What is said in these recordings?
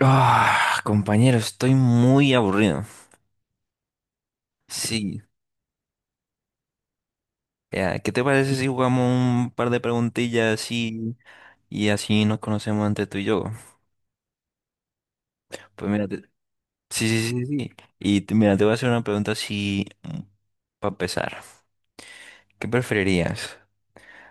Ah, compañero, estoy muy aburrido. Sí. Ya, ¿qué te parece si jugamos un par de preguntillas así y así nos conocemos entre tú y yo? Pues mira, sí, sí, sí, sí. Y mira, te voy a hacer una pregunta así para empezar. ¿Qué preferirías?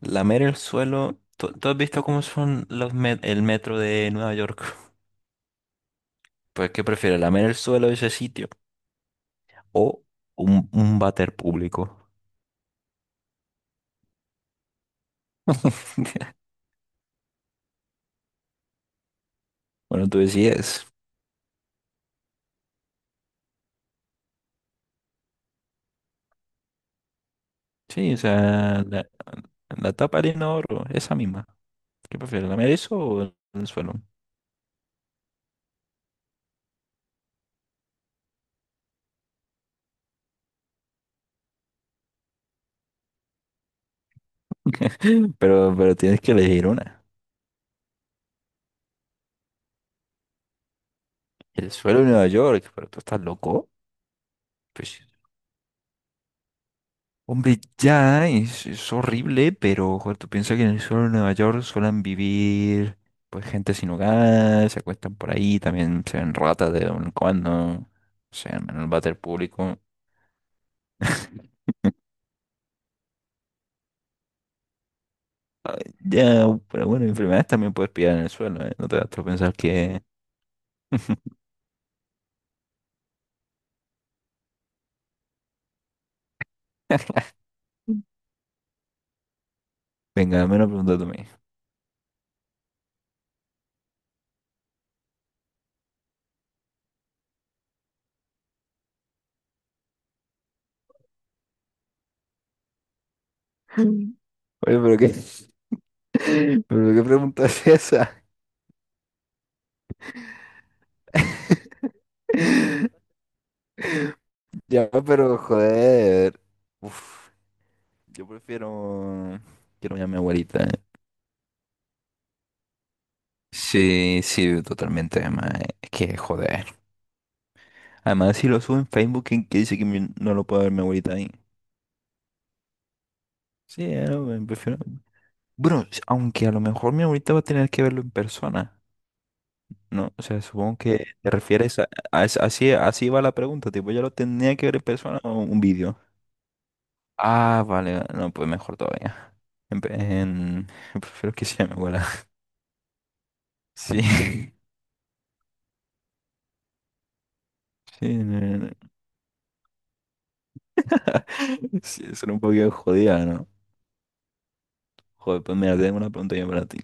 ¿Lamer el suelo? ¿Tú has visto cómo son los el metro de Nueva York? Pues, ¿qué prefieres? ¿Lamer el suelo de ese sitio o un váter público? Bueno, tú decides. Sí, o sea, la tapa arena oro, esa misma. ¿Qué prefieres, lamer eso o el suelo? Pero tienes que elegir una. El suelo de Nueva York, pero tú estás loco. Pues, hombre, ya es horrible, pero joder, tú piensas que en el suelo de Nueva York suelen vivir pues gente sin hogar, se acuestan por ahí, también se ven ratas de vez en cuando, se en el váter público. Ya, pero bueno, enfermedades también puedes pillar en el suelo, ¿eh? No te vas a pensar que Venga, dame una pregunta tú a mí. Mm. Oye, pero qué, pero qué pregunta es esa. Ya, pero joder. Uf, yo prefiero. Quiero llamar a mi abuelita. Sí, sí, totalmente. Además, es que joder. Además, si lo subo en Facebook, ¿quién que dice que no lo puede ver mi abuelita ahí? Sí, me prefiero. Bueno, aunque a lo mejor mi abuelita va a tener que verlo en persona. No, o sea, supongo que te refieres a así va la pregunta, tipo, yo lo tenía que ver en persona o un vídeo. Ah, vale, vale, no, pues mejor todavía. En pe- en- prefiero que sea mi abuela. Sí, sí, no, no, no. Sí, eso un poquito jodida, ¿no? Joder, pues mira, tengo una pregunta yo para ti.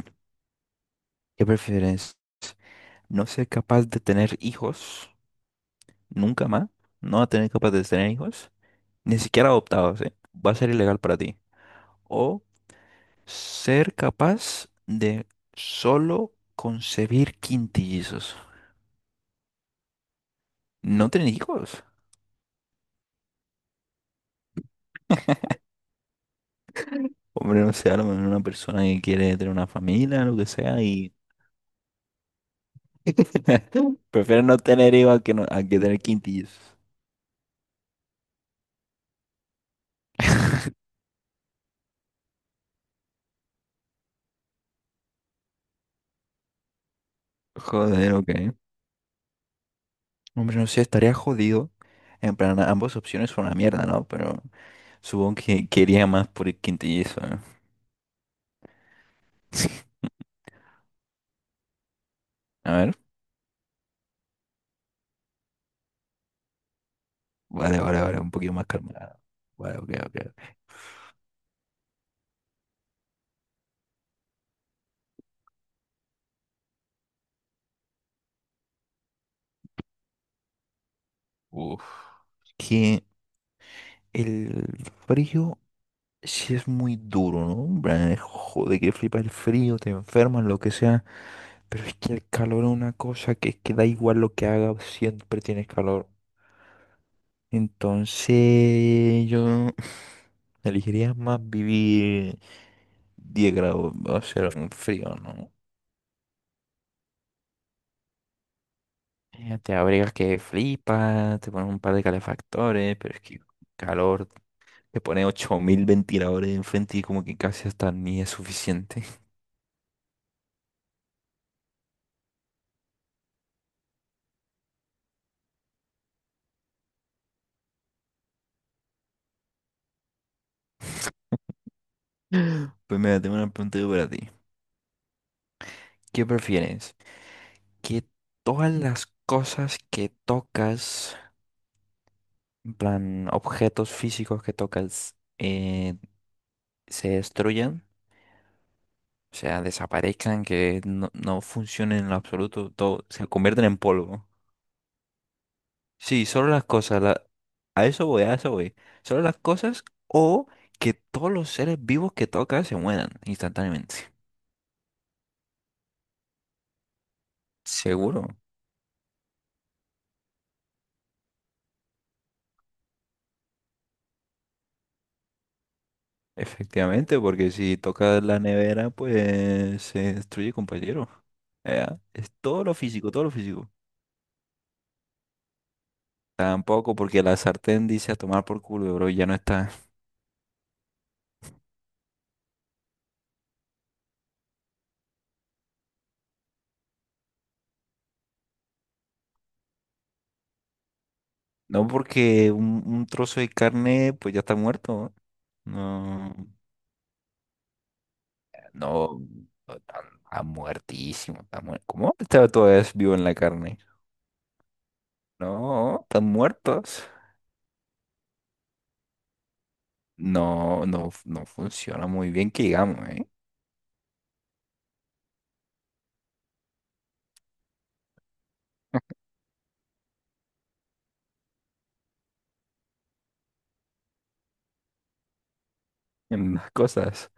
¿Qué prefieres? ¿No ser capaz de tener hijos nunca más? ¿No tener capaz de tener hijos? Ni siquiera adoptados, ¿eh? Va a ser ilegal para ti. O ser capaz de solo concebir quintillizos. No tener hijos. Hombre, no sé, a lo mejor una persona que quiere tener una familia, lo que sea, y prefiere no tener hijos a que, no- a que tener quintillizos. Joder, ok. Hombre, no sé, estaría jodido. En plan, ambas opciones son una mierda, ¿no? Pero supongo que quería más por el quintillizo, ¿no? A ver. Vale, vale, vale, un poquito más calmado. Vale, ok, ok. Uf. Que el frío sí es muy duro, ¿no? Hombre, joder, que flipa el frío, te enfermas, lo que sea. Pero es que el calor es una cosa que es que da igual lo que haga, siempre tienes calor. Entonces yo elegiría más vivir 10 grados, o sea, un frío, ¿no? Te abrigas que flipa, te pones un par de calefactores, pero es que calor, te pones 8.000 ventiladores enfrente y como que casi hasta ni es suficiente. Pues mira, tengo una pregunta yo para ti. ¿Qué prefieres? ¿Que todas las cosas que tocas, en plan objetos físicos que tocas, se destruyan? O sea, desaparezcan, que no, no funcionen en lo absoluto, todo, se convierten en polvo. Sí, solo las cosas, a eso voy, a eso voy. Solo las cosas o que todos los seres vivos que tocas se mueran instantáneamente. Seguro, efectivamente, porque si tocas la nevera, pues se destruye, compañero. Ya, es todo lo físico, todo lo físico. Tampoco porque la sartén dice a tomar por culo, bro, ya no está. No porque un trozo de carne, pues ya está muerto. No, no, no, está muertísimo. ¿Cómo está todavía vivo en la carne? No, están muertos. No, no, no funciona muy bien que digamos, ¿eh? En las cosas.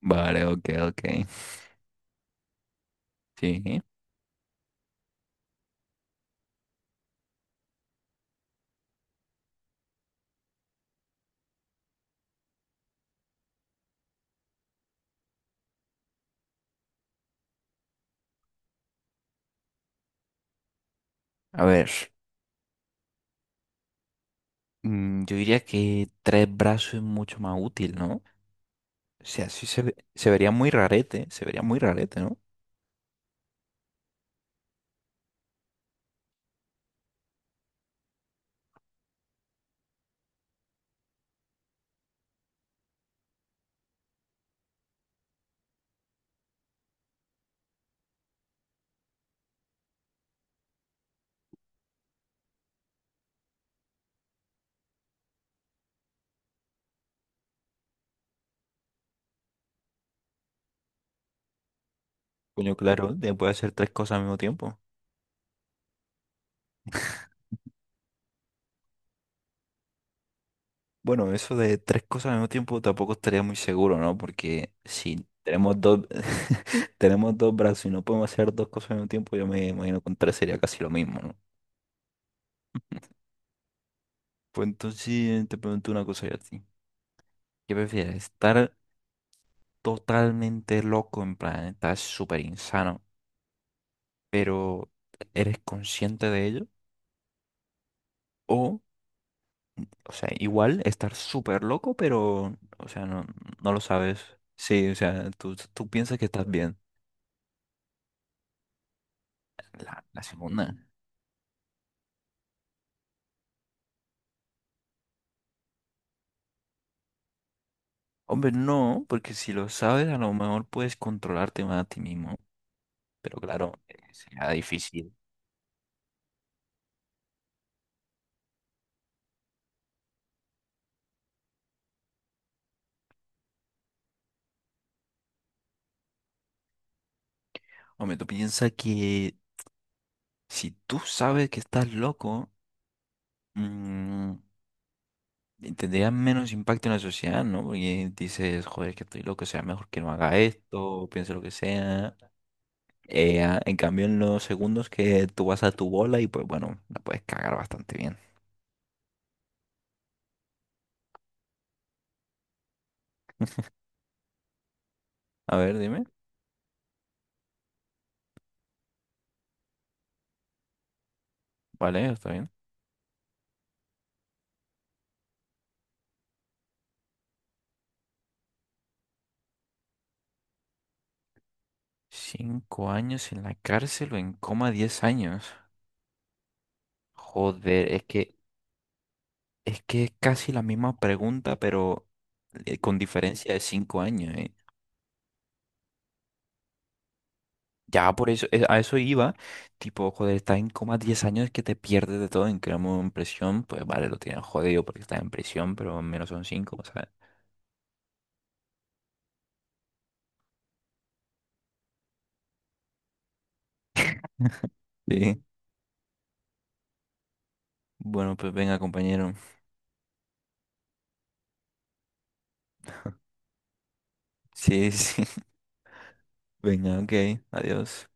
Vale, ok, ok. Sí. A ver, mm, yo diría que tres brazos es mucho más útil, ¿no? O sea, sí se vería muy rarete, se vería muy rarete, ¿no? Coño, claro, de poder hacer tres cosas al mismo tiempo. Bueno, eso de tres cosas al mismo tiempo tampoco estaría muy seguro, ¿no? Porque si tenemos dos, tenemos dos brazos y no podemos hacer dos cosas al mismo tiempo, yo me imagino que con tres sería casi lo mismo, ¿no? Pues entonces te pregunto una cosa yo a ti. ¿Qué prefieres? ¿Estar totalmente loco, en plan, estar súper insano, pero eres consciente de ello? ¿O O sea, igual estar súper loco, pero, o sea, no, no lo sabes. Sí, o sea, tú piensas que estás bien. La segunda. Hombre, no, porque si lo sabes, a lo mejor puedes controlarte más a ti mismo. Pero claro, será difícil. Hombre, tú piensas que si tú sabes que estás loco, mm, tendría menos impacto en la sociedad, ¿no? Porque dices, joder, que estoy loco, o sea, mejor que no haga esto, o piense lo que sea. En cambio, en los segundos que tú vas a tu bola y pues bueno, la puedes cagar bastante bien. A ver, dime. Vale, está bien. 5 años en la cárcel o en coma 10 años. Joder, es que es casi la misma pregunta, pero con diferencia de 5 años, ¿eh? Ya por eso, a eso iba. Tipo, joder, estás en coma 10 años que te pierdes de todo. En cambio, en prisión, pues vale, lo tienes jodido porque estás en prisión, pero al menos son cinco, ¿sabes? Sí. Bueno, pues venga, compañero. Sí, sí. Venga, ok, adiós.